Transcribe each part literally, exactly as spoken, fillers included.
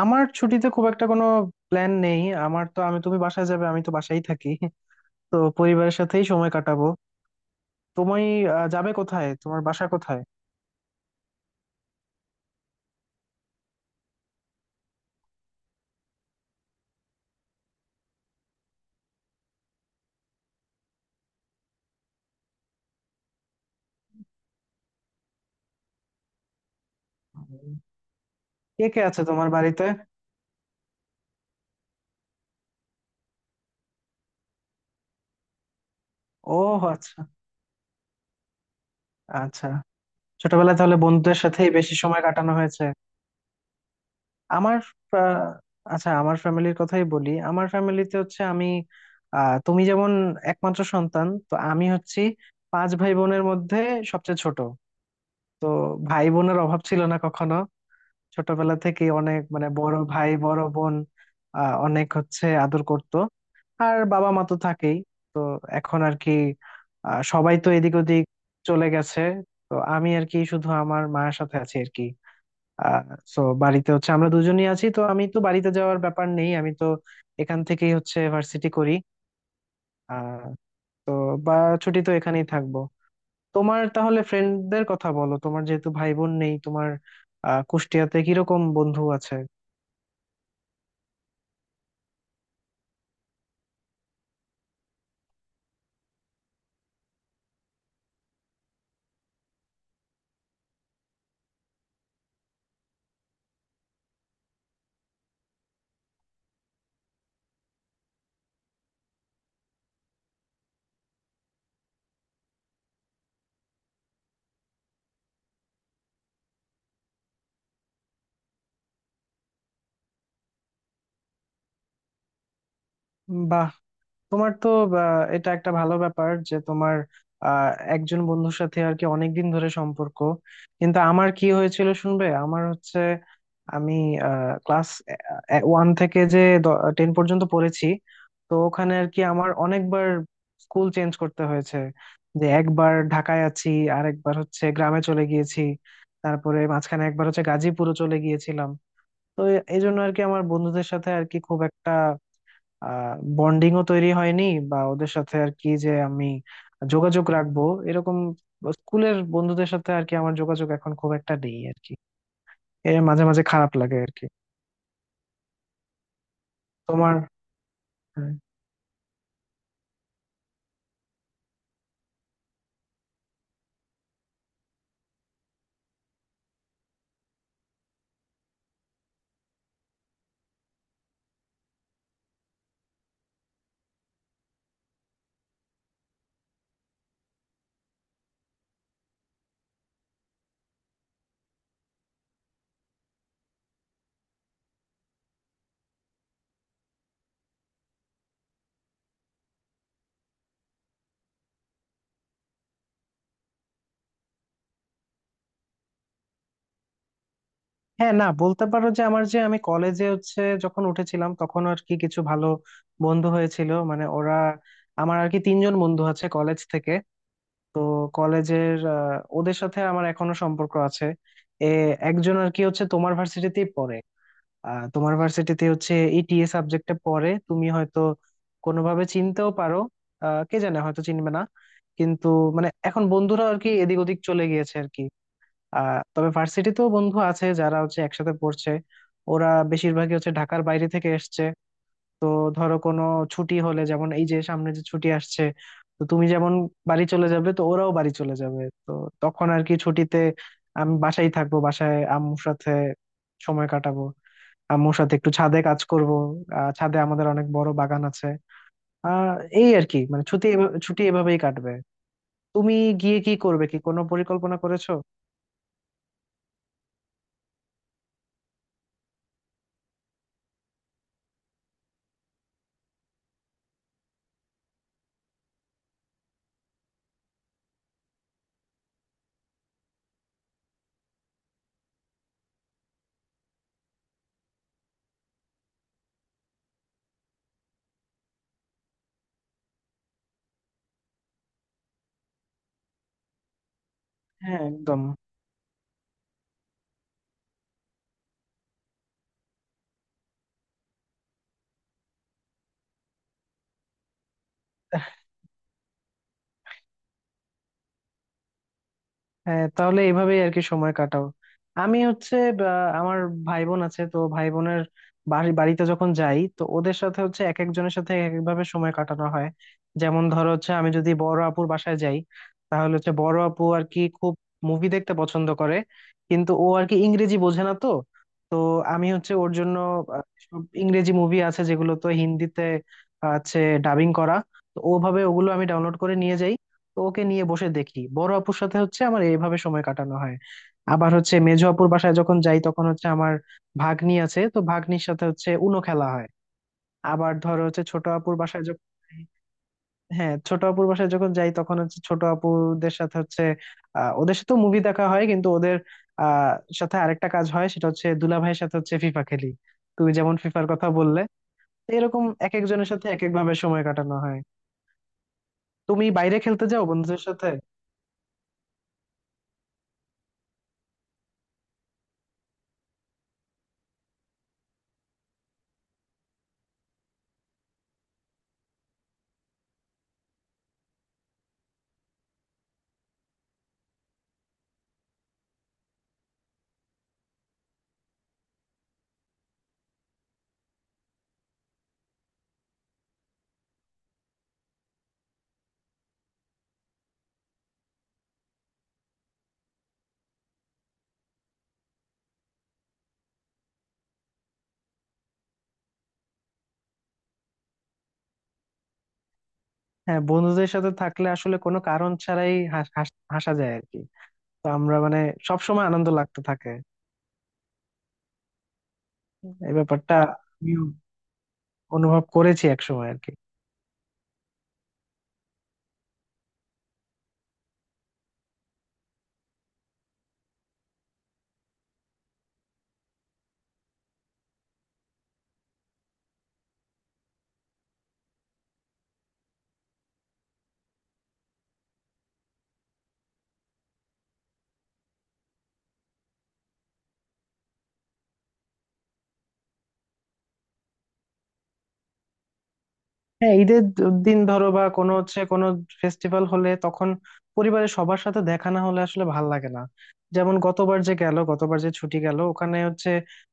আমার ছুটিতে খুব একটা কোনো প্ল্যান নেই। আমার তো আমি তুমি বাসায় যাবে, আমি তো বাসায় থাকি। তো পরিবারের সাথেই সময় কাটাবো। তুমি? আহ, যাবে কোথায়? তোমার বাসা কোথায়? উম, কে কে আছে তোমার বাড়িতে? ও আচ্ছা, আচ্ছা। ছোটবেলায় তাহলে বন্ধুদের সাথেই বেশি সময় কাটানো হয়েছে। আমার আহ, আচ্ছা, আমার ফ্যামিলির কথাই বলি। আমার ফ্যামিলিতে হচ্ছে আমি, আহ তুমি যেমন একমাত্র সন্তান, তো আমি হচ্ছি পাঁচ ভাই বোনের মধ্যে সবচেয়ে ছোট। তো ভাই বোনের অভাব ছিল না কখনো। ছোটবেলা থেকে অনেক, মানে বড় ভাই বড় বোন আহ, অনেক হচ্ছে আদর করত। আর বাবা মা তো থাকেই। তো এখন আর কি আহ, সবাই তো এদিক ওদিক চলে গেছে। তো আমি আর কি শুধু আমার মায়ের সাথে আছি আর কি। আহ তো বাড়িতে হচ্ছে আমরা দুজনই আছি, তো আমি তো বাড়িতে যাওয়ার ব্যাপার নেই। আমি তো এখান থেকেই হচ্ছে ভার্সিটি করি। আহ তো বা ছুটি তো এখানেই থাকবো। তোমার তাহলে ফ্রেন্ডদের কথা বলো। তোমার যেহেতু ভাই বোন নেই, তোমার আহ কুষ্টিয়াতে কিরকম বন্ধু আছে? বাহ! তোমার তো আহ, এটা একটা ভালো ব্যাপার যে তোমার আহ, একজন বন্ধুর সাথে আর কি অনেকদিন ধরে সম্পর্ক। কিন্তু আমার কি হয়েছিল শুনবে? আমার হচ্ছে আমি ক্লাস ওয়ান থেকে যে টেন পর্যন্ত পড়েছি। তো ওখানে আর কি আমার অনেকবার স্কুল চেঞ্জ করতে হয়েছে। যে একবার ঢাকায় আছি, আর একবার হচ্ছে গ্রামে চলে গিয়েছি, তারপরে মাঝখানে একবার হচ্ছে গাজীপুরও চলে গিয়েছিলাম। তো এই জন্য আর কি আমার বন্ধুদের সাথে আর কি খুব একটা বন্ডিংও তৈরি হয়নি। বা ওদের সাথে আর কি যে আমি যোগাযোগ রাখবো এরকম। স্কুলের বন্ধুদের সাথে আর কি আমার যোগাযোগ এখন খুব একটা নেই আর কি। এর মাঝে মাঝে খারাপ লাগে আর কি। তোমার? হ্যাঁ। হ্যাঁ, না, বলতে পারো যে আমার, যে আমি কলেজে হচ্ছে যখন উঠেছিলাম তখন আর কি কিছু ভালো বন্ধু হয়েছিল, মানে ওরা, আমার আর কি তিনজন বন্ধু আছে কলেজ থেকে। তো কলেজের আহ, ওদের সাথে আমার এখনো সম্পর্ক আছে। এ, একজন আর কি হচ্ছে তোমার ভার্সিটিতেই পড়ে। আহ তোমার ভার্সিটিতে হচ্ছে ইটিএ সাবজেক্টে পড়ে, তুমি হয়তো কোনোভাবে চিনতেও পারো। আহ, কে জানে, হয়তো চিনবে না কিন্তু। মানে এখন বন্ধুরা আর কি এদিক ওদিক চলে গিয়েছে আর কি। আহ তবে ভার্সিটিতেও বন্ধু আছে যারা হচ্ছে একসাথে পড়ছে। ওরা বেশিরভাগই হচ্ছে ঢাকার বাইরে থেকে এসছে। তো ধরো কোনো ছুটি হলে, যেমন এই যে সামনে যে ছুটি আসছে, তো তুমি যেমন বাড়ি চলে যাবে, তো ওরাও বাড়ি চলে যাবে। তো তখন আর কি ছুটিতে আমি বাসায় থাকবো, বাসায় আম্মুর সাথে সময় কাটাবো। আম্মুর সাথে একটু ছাদে কাজ করব। আহ, ছাদে আমাদের অনেক বড় বাগান আছে। আহ এই আর কি মানে ছুটি এভাবে- ছুটি এভাবেই কাটবে। তুমি গিয়ে কি করবে, কি কোনো পরিকল্পনা করেছো? হ্যাঁ, একদম। হ্যাঁ, তাহলে এভাবেই আর কি সময় কাটাও। আমি হচ্ছে বা, আমার ভাই বোন আছে, তো ভাই বোনের বাড়ি বাড়িতে যখন যাই তো ওদের সাথে হচ্ছে এক একজনের সাথে এক একভাবে সময় কাটানো হয়। যেমন ধরো হচ্ছে আমি যদি বড় আপুর বাসায় যাই, তাহলে হচ্ছে বড় আপু আর কি খুব মুভি দেখতে পছন্দ করে, কিন্তু ও আর কি ইংরেজি বোঝে না তো। তো আমি হচ্ছে ওর জন্য আহ, সব ইংরেজি মুভি আছে যেগুলো তো হিন্দিতে আছে ডাবিং করা। তো ওভাবে ওগুলো আমি ডাউনলোড করে নিয়ে যাই। তো ওকে নিয়ে বসে দেখি, বড় আপুর সাথে হচ্ছে আমার এইভাবে সময় কাটানো হয়। আবার হচ্ছে মেজো আপুর বাসায় যখন যাই তখন হচ্ছে আমার ভাগ্নি আছে, তো ভাগ্নির সাথে হচ্ছে উনো খেলা হয়। আবার ধরো হচ্ছে ছোট আপুর বাসায় যখন যাই- হ্যাঁ, ছোট আপুর বাসায় যখন যাই তখন হচ্ছে ছোট আপুদের সাথে হচ্ছে আহ, ওদের সাথে মুভি দেখা হয়, কিন্তু ওদের আহ সাথে আরেকটা কাজ হয়, সেটা হচ্ছে দুলাভাইয়ের সাথে হচ্ছে ফিফা খেলি। তুমি যেমন ফিফার কথা বললে। তো এরকম এক একজনের সাথে এক এক ভাবে সময় কাটানো হয়। তুমি বাইরে খেলতে যাও বন্ধুদের সাথে? হ্যাঁ, বন্ধুদের সাথে থাকলে আসলে কোনো কারণ ছাড়াই হাস- হাস- হাসা যায় আর কি। তো আমরা মানে সব সময় আনন্দ লাগতে থাকে। এই ব্যাপারটা আমিও অনুভব করেছি এক সময় আর কি। হ্যাঁ, ঈদের দ- দিন ধরো বা কোনো হচ্ছে কোনো ফেস্টিভ্যাল হলে, তখন পরিবারের সবার সাথে দেখা না হলে আসলে ভাল লাগে না। যেমন গতবার যে গেল, গতবার যে ছুটি গেল, ওখানে হচ্ছে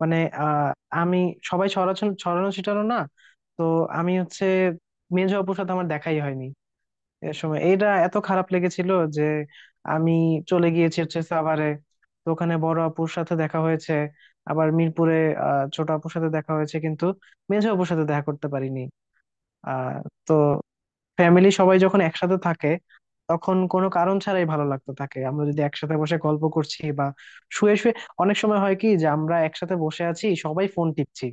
মানে আহ আমি, সবাই ছড়াছড়ি, ছড়ানো ছিটানো না। তো আমি হচ্ছে মেজো আপুর সাথে আমার দেখাই হয়নি। এ সময় এইটা এত খারাপ লেগেছিল যে আমি চলে গিয়েছি হচ্ছে সাভারে। তো ওখানে বড় আপুর সাথে দেখা হয়েছে, আবার মিরপুরে আহ, ছোট আপুর সাথে দেখা হয়েছে, কিন্তু মেঝো আপুর সাথে দেখা করতে পারিনি। আহ তো ফ্যামিলি সবাই যখন একসাথে থাকে, তখন কোনো কারণ ছাড়াই ভালো লাগতে থাকে। আমরা যদি একসাথে বসে গল্প করছি বা শুয়ে শুয়ে, অনেক সময় হয় কি যে আমরা একসাথে বসে আছি, সবাই ফোন টিপছি,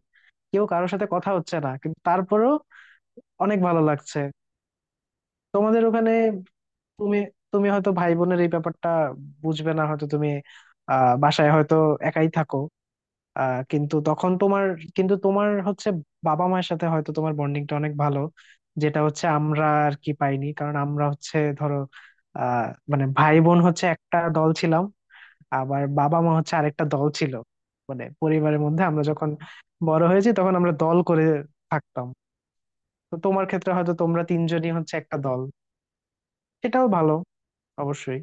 কেউ কারোর সাথে কথা হচ্ছে না, কিন্তু তারপরেও অনেক ভালো লাগছে। তোমাদের ওখানে তুমি, তুমি হয়তো ভাই বোনের এই ব্যাপারটা বুঝবে না হয়তো। তুমি আহ বাসায় হয়তো একাই থাকো। আহ কিন্তু তখন তোমার, কিন্তু তোমার হচ্ছে বাবা মায়ের সাথে হয়তো তোমার বন্ডিংটা অনেক ভালো। যেটা হচ্ছে আমরা আর কি পাইনি, কারণ আমরা হচ্ছে ধরো আহ মানে ভাই বোন হচ্ছে একটা দল ছিলাম, আবার বাবা মা হচ্ছে আরেকটা দল ছিল। মানে পরিবারের মধ্যে আমরা যখন বড় হয়েছি তখন আমরা দল করে থাকতাম। তো তোমার ক্ষেত্রে হয়তো তোমরা তিনজনই হচ্ছে একটা দল। সেটাও ভালো, অবশ্যই।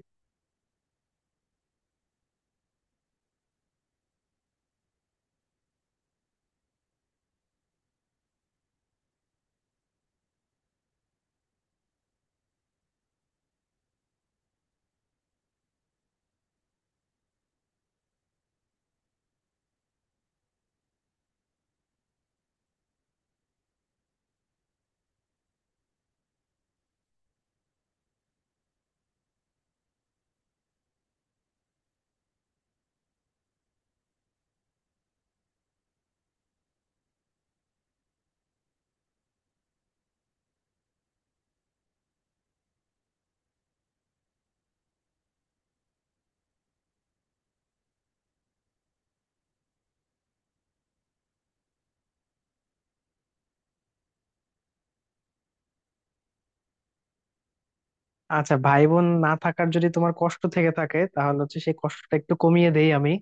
আচ্ছা, ভাই বোন না থাকার যদি তোমার কষ্ট থেকে থাকে, তাহলে হচ্ছে সেই কষ্টটা একটু কমিয়ে দেই আমি।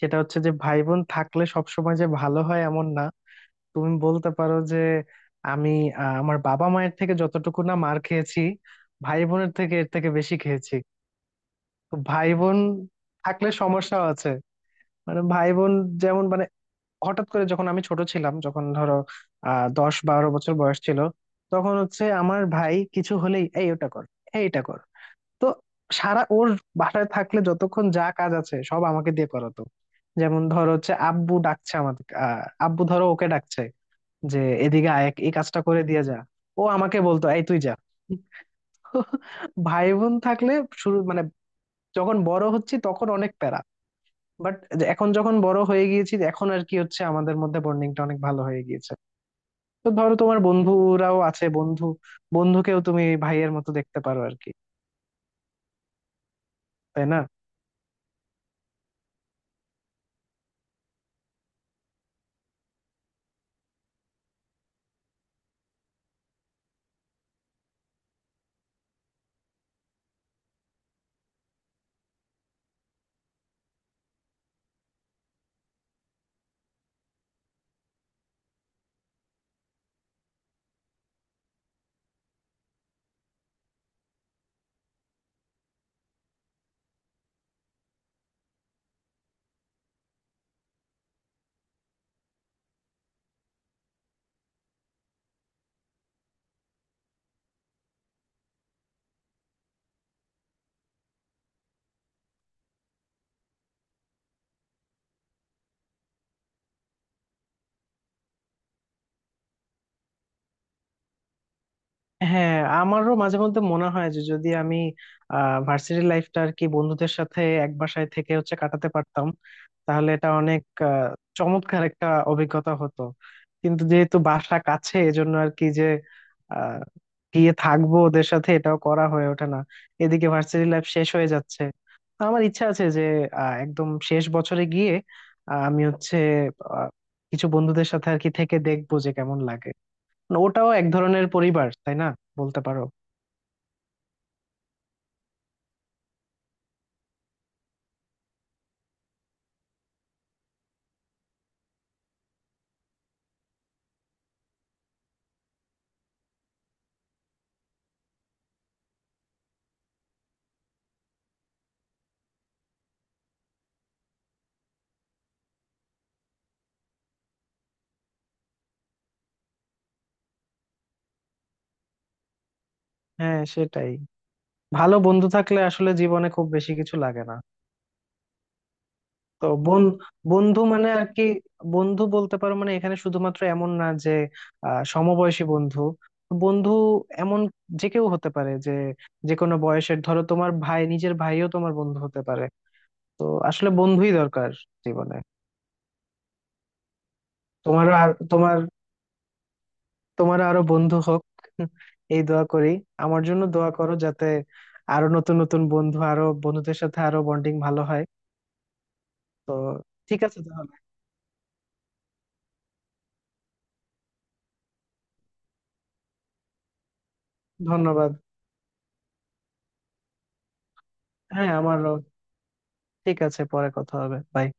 সেটা হচ্ছে যে ভাই বোন থাকলে সবসময় যে ভালো হয় এমন না। তুমি বলতে পারো যে আমি আহ, আমার বাবা মায়ের থেকে যতটুকু না মার খেয়েছি, ভাই বোনের থেকে এর থেকে বেশি খেয়েছি। তো ভাই বোন থাকলে সমস্যাও আছে। মানে ভাই বোন যেমন, মানে হঠাৎ করে যখন আমি ছোট ছিলাম, যখন ধরো আহ দশ বারো বছর বয়স ছিল, তখন হচ্ছে আমার ভাই কিছু হলেই এই ওটা কর, এইটা কর। তো সারা, ওর বাসায় থাকলে যতক্ষণ যা কাজ আছে সব আমাকে দিয়ে করাতো। যেমন ধরো হচ্ছে আব্বু ডাকছে আমাদের, আহ, আব্বু ধরো ওকে ডাকছে যে এদিকে আয়, এক- এই কাজটা করে দিয়ে যা। ও আমাকে বলতো এই তুই যা। ভাই বোন থাকলে শুরু, মানে যখন বড় হচ্ছি তখন অনেক প্যারা। বাট এখন যখন বড় হয়ে গিয়েছি, এখন আর কি হচ্ছে আমাদের মধ্যে বন্ডিংটা অনেক ভালো হয়ে গিয়েছে। তো ধরো তোমার বন্ধুরাও আছে, বন্ধু বন্ধুকেও তুমি ভাইয়ের মতো দেখতে পারো আর কি। তাই না? হ্যাঁ, আমারও মাঝে মধ্যে মনে হয় যে যদি আমি ভার্সিটি লাইফটা আর কি বন্ধুদের সাথে এক বাসায় থেকে হচ্ছে কাটাতে পারতাম, তাহলে এটা অনেক আহ, চমৎকার একটা অভিজ্ঞতা হতো। কিন্তু যেহেতু বাসা কাছে, এজন্য আর কি যে আহ, গিয়ে থাকবো ওদের সাথে, এটাও করা হয়ে ওঠে না। এদিকে ভার্সিটি লাইফ শেষ হয়ে যাচ্ছে। তো আমার ইচ্ছা আছে যে আহ, একদম শেষ বছরে গিয়ে আহ, আমি হচ্ছে আহ, কিছু বন্ধুদের সাথে আর কি থেকে দেখবো যে কেমন লাগে। মানে ওটাও এক ধরনের পরিবার, তাই না? বলতে পারো। হ্যাঁ, সেটাই। ভালো বন্ধু থাকলে আসলে জীবনে খুব বেশি কিছু লাগে না। তো বোন, বন্ধু মানে আর কি, বন্ধু বলতে পারো মানে এখানে শুধুমাত্র এমন না যে আহ সমবয়সী বন্ধু। বন্ধু এমন যে কেউ হতে পারে, যে যে কোনো বয়সের, ধরো তোমার ভাই, নিজের ভাইও তোমার বন্ধু হতে পারে। তো আসলে বন্ধুই দরকার জীবনে। তোমার আর তোমার, তোমার আরো বন্ধু হোক, এই দোয়া করি। আমার জন্য দোয়া করো যাতে আরো নতুন নতুন বন্ধু, আরো বন্ধুদের সাথে আরো বন্ডিং ভালো হয়। তো ঠিক আছে তাহলে, ধন্যবাদ। হ্যাঁ, আমারও। ঠিক আছে, পরে কথা হবে। Bye.